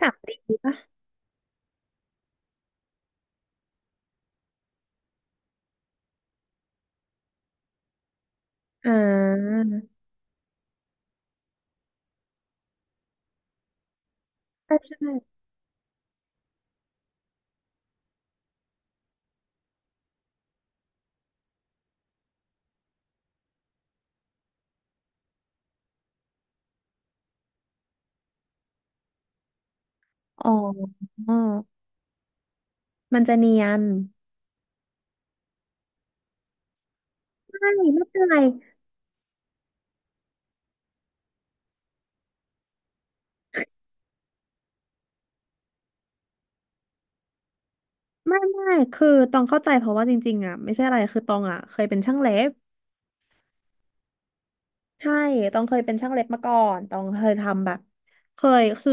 ถามดิอ่าใช่ใช่อ๋อมันจะเนียนไม่ไม่เป็นไรไม่ไม่คือตองเข้าใจเพราะว่าจริงๆอ่ะไม่ใช่อะไรคือตองอ่ะเคยเป็นช่างเล็บใช่ตองเคยเป็นช่างเล็บมาก่อนตองเคยทำแบบเคยคือ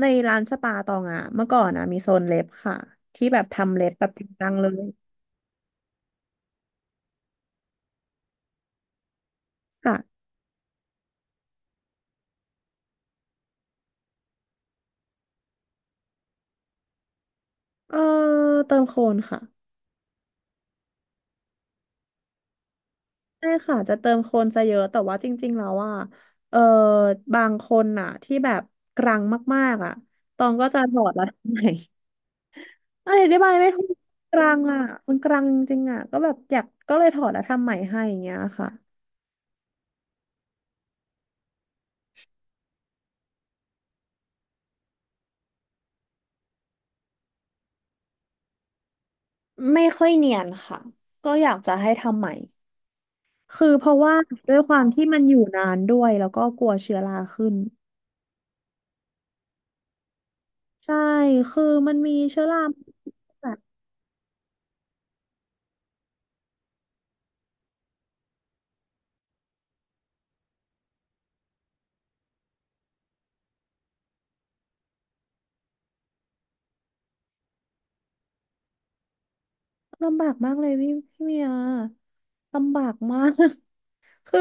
ในร้านสปาตองอ่ะเมื่อก่อนอ่ะมีโซนเล็บค่ะที่แบบทำเล็บแบบจริงจังเลยค่ะเออเติมโคนค่ะ ใช่ค่ะจะเติมคนซะเยอะแต่ว่าจริงๆแล้วอ่ะเออบางคนน่ะที่แบบกรังมากๆอ่ะตองก็จะถอดแล้วทำไม อะไรได้บายไม่ถูกกรังอ่ะมันกรังจริงอ่ะก็แบบอยากก็เลยถอดแล้วทำใหม่ให้อย่างเงี้ยค่ะไม่ค่อยเนียนค่ะก็อยากจะให้ทำใหม่คือเพราะว่าด้วยความที่มันอยู่นานด้วยแล้วก็กลัวเชื้อราขึ้นใช่คือมันมีเชื้อราแบบลำบากมากเลยพี่พี่เมียลำบากมาก คือ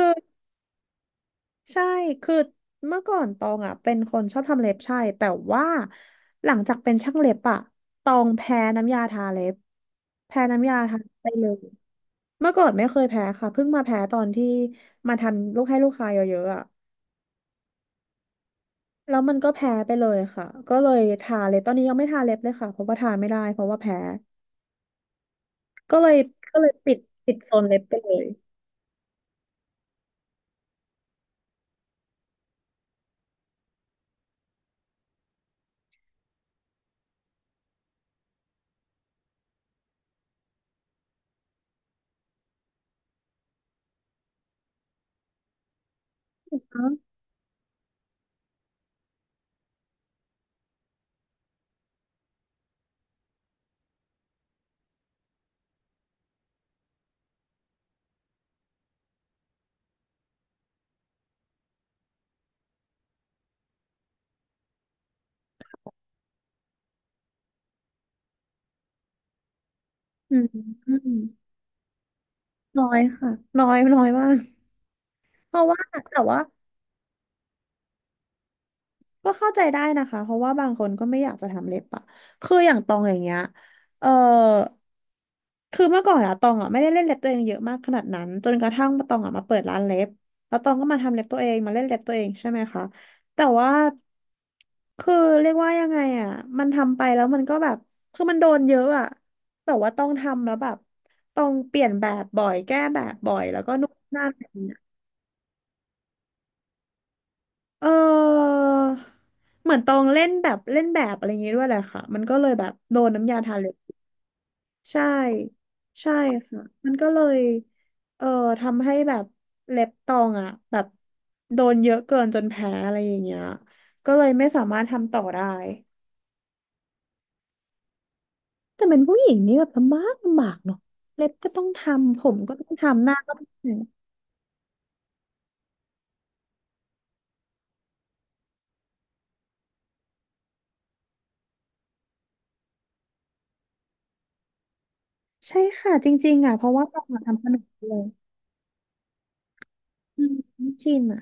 ใช่ คือเมื่อก่อนตองอ่ะเป็นคนชอบทำเล็บใช่แต่ว่าหลังจากเป็นช่างเล็บอ่ะตองแพ้น้ำยาทาเล็บแพ้น้ำยาทาไปเลยเมื่อก่อนไม่เคยแพ้ค่ะเพิ่งมาแพ้ตอนที่มาทำลูกให้ลูกค้าเยอะๆอ่ะแล้วมันก็แพ้ไปเลยค่ะก็เลยทาเล็บตอนนี้ยังไม่ทาเล็บเลยค่ะเพราะว่าทาไม่ได้เพราะว่าแพ้ก็เลยก็เลยปิดปิดโซนเล็บไปเลยอ๋ออืมอืมน้อยค่ะน้อยน้อยมากเพราะว่าแต่ว่า ก็เข้าใจได้นะคะเพราะว่าบางคนก็ไม่อยากจะทำเล็บอะคืออย่างตองอย่างเงี้ยเออคือเมื่อก่อนอะตองอะไม่ได้เล่นเล็บตัวเองเยอะมากขนาดนั้นจนกระทั่งาตองอะมาเปิดร้านเล็บแล้วตองก็มาทำเล็บตัวเองมาเล่นเล็บตัวเองใช่ไหมคะแต่ว่าคือเรียกว่ายังไงอะมันทำไปแล้วมันก็แบบคือมันโดนเยอะอะแบบว่าต้องทำแล้วแบบต้องเปลี่ยนแบบบ่อยแก้แบบบ่อยแล้วก็นู่นนั่น เออเหมือนตองเล่นแบบเล่นแบบอะไรอย่างงี้ด้วยแหละค่ะมันก็เลยแบบโดนน้ำยาทาเล็บใช่ใช่ค่ะมันก็เลยเอ่อทำให้แบบเล็บตองอ่ะแบบโดนเยอะเกินจนแพ้อะไรอย่างเงี้ยก็เลยไม่สามารถทำต่อได้แต่เป็นผู้หญิงนี่แบบลำบากลำบากเนาะเล็บก็ต้องทำผมก็ต้องทำหน้าก็ต้องทำใช่ค่ะจริงๆอ่ะเพราะว่าตองอะทำขนมเลยอืมไม่ชินอ่ะ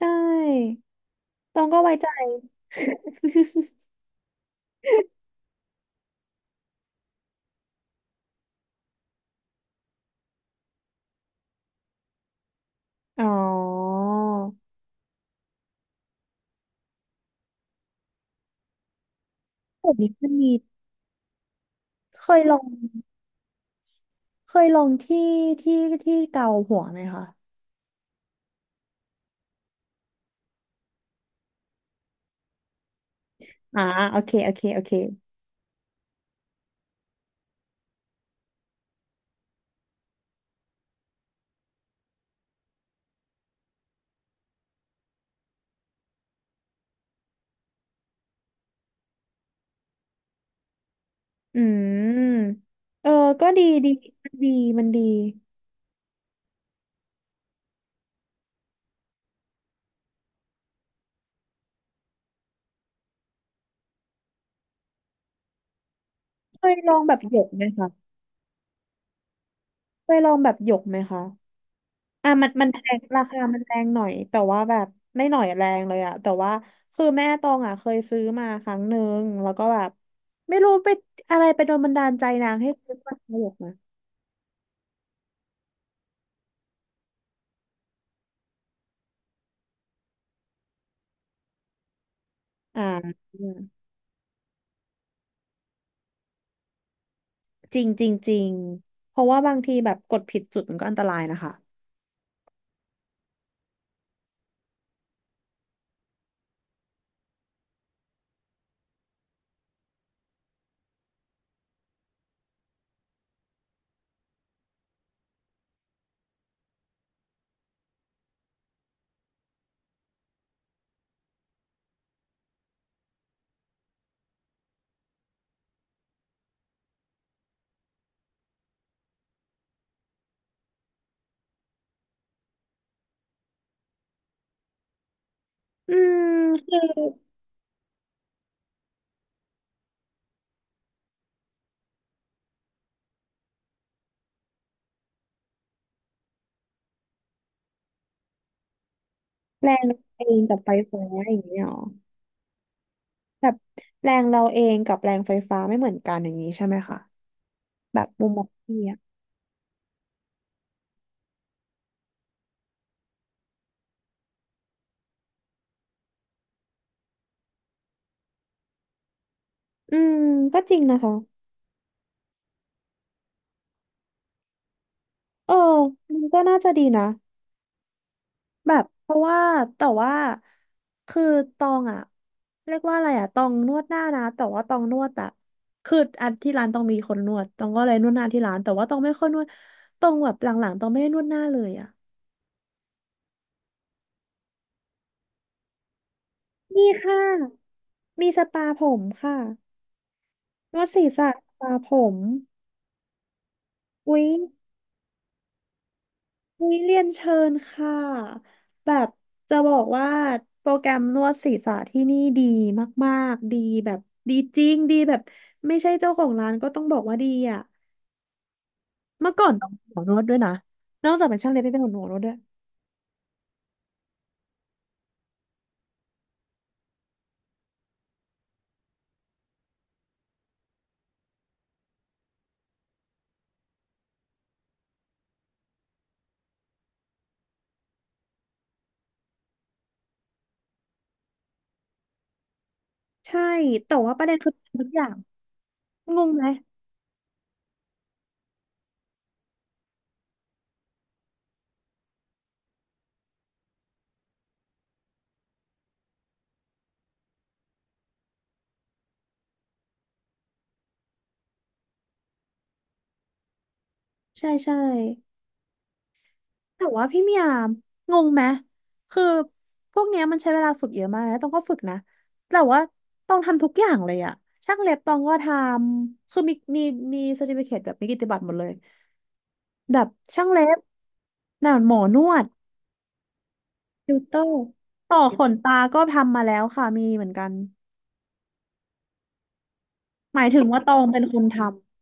ใช่ ตองก็ไว้ใจอ๋อแบบนี้ก็มีเคยลองเคยลองที่ที่ที่เกาหัวไหมคะอ่าโอเคโอเคโอเคอืมเออก็ดีดีมันดีมันดีเคยลองแบบหยกไหมคะเคยลองแบบหยกไหมคะอ่ะมันแพงราคามันแรงหน่อยแต่ว่าแบบไม่หน่อยแรงเลยอะแต่ว่าคือแม่ตองอะเคยซื้อมาครั้งหนึ่งแล้วก็แบบไม่รู้ไปอะไรไปโดนบันดาลใจนางให้ซื้อมาหยกนะ อ่าจริงจริงจริงเพราะว่าบางทีแบบกดผิดจุดมันก็อันตรายนะคะอืมคือแรงเราเองกับไฟฟ้าอย่างนี้หรอแบบแรงเราเองกับแรงไฟฟ้าไม่เหมือนกันอย่างนี้ใช่ไหมคะแบบมุมมองพี่อะอืมก็จริงนะคะเออมันก็น่าจะดีนะ แบบเพราะว่าแต่ว่าคือตองอะเรียกว่าอะไรอะตองนวดหน้านะแต่ว่าตองนวดแบบคืออันที่ร้านตองมีคนนวดตองก็เลยนวดหน้าที่ร้านแต่ว่าตองไม่ค่อยนวดตองแบบหลังๆตองไม่ได้นวดหน้าเลยอะมีค่ะมีสปาผมค่ะนวดศีรษะสปาผมอุ๊ย อุ๊ยเรียนเชิญค่ะ แบบจะบอกว่าโปรแกรมนวดศีรษะที่นี่ดีมากๆดีแบบดีจริง ดีแบบไม่ใช่เจ้าของร้านก็ต้องบอกว่าดีอ่ะเมื่อก่อนต้องเป็นหมอนวดด้วยนะนอกจากเป็นช่างเล็บไม่เป็นหมอนวดด้วยใช่แต่ว่าประเด็นคือทุกอย่างงงไหม ใช่ใช่ แต่ว่าพี่เมียงงไหมคือพวกเนี้ยมันใช้เวลาฝึกเยอะมากนะต้องก็ฝึกนะแต่ว่าต้องทำทุกอย่างเลยอะช่างเล็บต้องก็ทำคือมีเซอร์ติฟิเคตแบบมีกิตติบัตรหมดเลยแบบช่างเล็บหนานหมอนวดติวเตอร์ต่อขนตาก็ทำมาแล้วค่ะมีเหมือนกันหมายถึงว่าตองเป็นคนทำ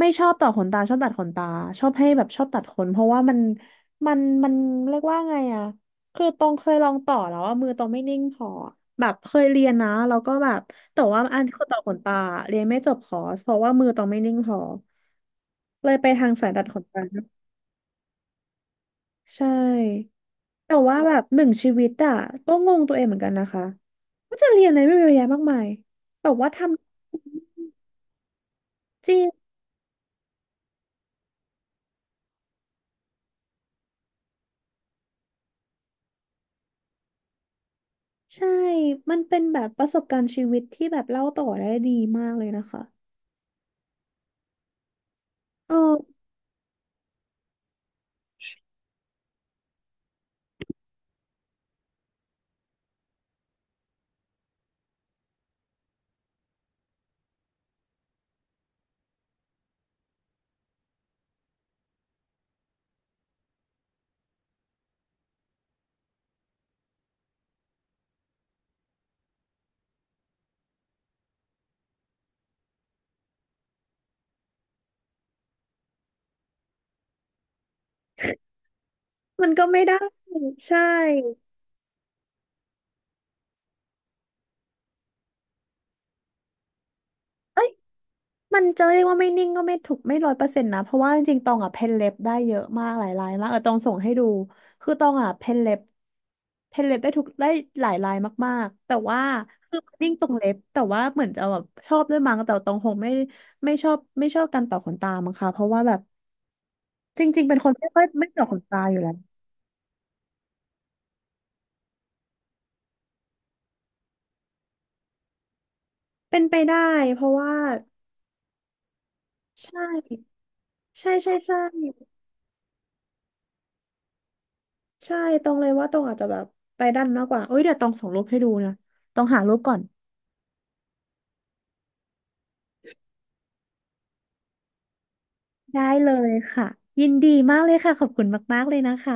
ไม่ชอบต่อขนตาชอบตัดขนตาชอบให้แบบชอบตัดขนเพราะว่ามันมันเรียกว่าไงอะคือตองเคยลองต่อแล้วว่ามือตองไม่นิ่งพอแบบเคยเรียนนะแล้วก็แบบแต่ว่าอันต่อขนตาเรียนไม่จบคอร์สเพราะว่ามือตองไม่นิ่งพอเลยไปทางสายตัดขนตาใช่แต่ว่าแบบหนึ่งชีวิตอะก็งงตัวเองเหมือนกันนะคะว่าจะเรียนอะไรไม่เยอะแยะมากมายแบบว่าทำจริง ใช่ มันเป็นแบบประสบการณ์ชีวิตที่แบบเล่าต่อได้ดีมากเลยนะคะเออมันก็ไม่ได้ใช่เอ้ยมันจะเรียกว่าไม่นิ่งก็ไม่ถูกไม่ร้อยเปอร์เซ็นต์นะเพราะว่าจริงๆตองอ่ะเพ้นเล็บได้เยอะมากหลายลายมากเออตองส่งให้ดูคือตองอ่ะเพ้นเล็บเพ้นเล็บได้หลายลายมากๆแต่ว่าคือมันนิ่งตรงเล็บแต่ว่าเหมือนจะแบบชอบด้วยมั้งแต่ตองคงไม่ไม่ชอบไม่ชอบการต่อขนตามั้งค่ะ เพราะว่าแบบจริงๆเป็นคนไม่ค่อยไม่ต่อขนตาอยู่แล้วเป็นไปได้เพราะว่า ใช่ใช่ใช่ใช่ใช่ตรงเลยว่าตรงอาจจะแบบไปด้านมากกว่า เอ้ยเดี๋ยวตองส่งรูปให้ดูนะต้องหารูปก่อนได้เลยค่ะยินดีมากเลยค่ะขอบคุณมากๆเลยนะคะ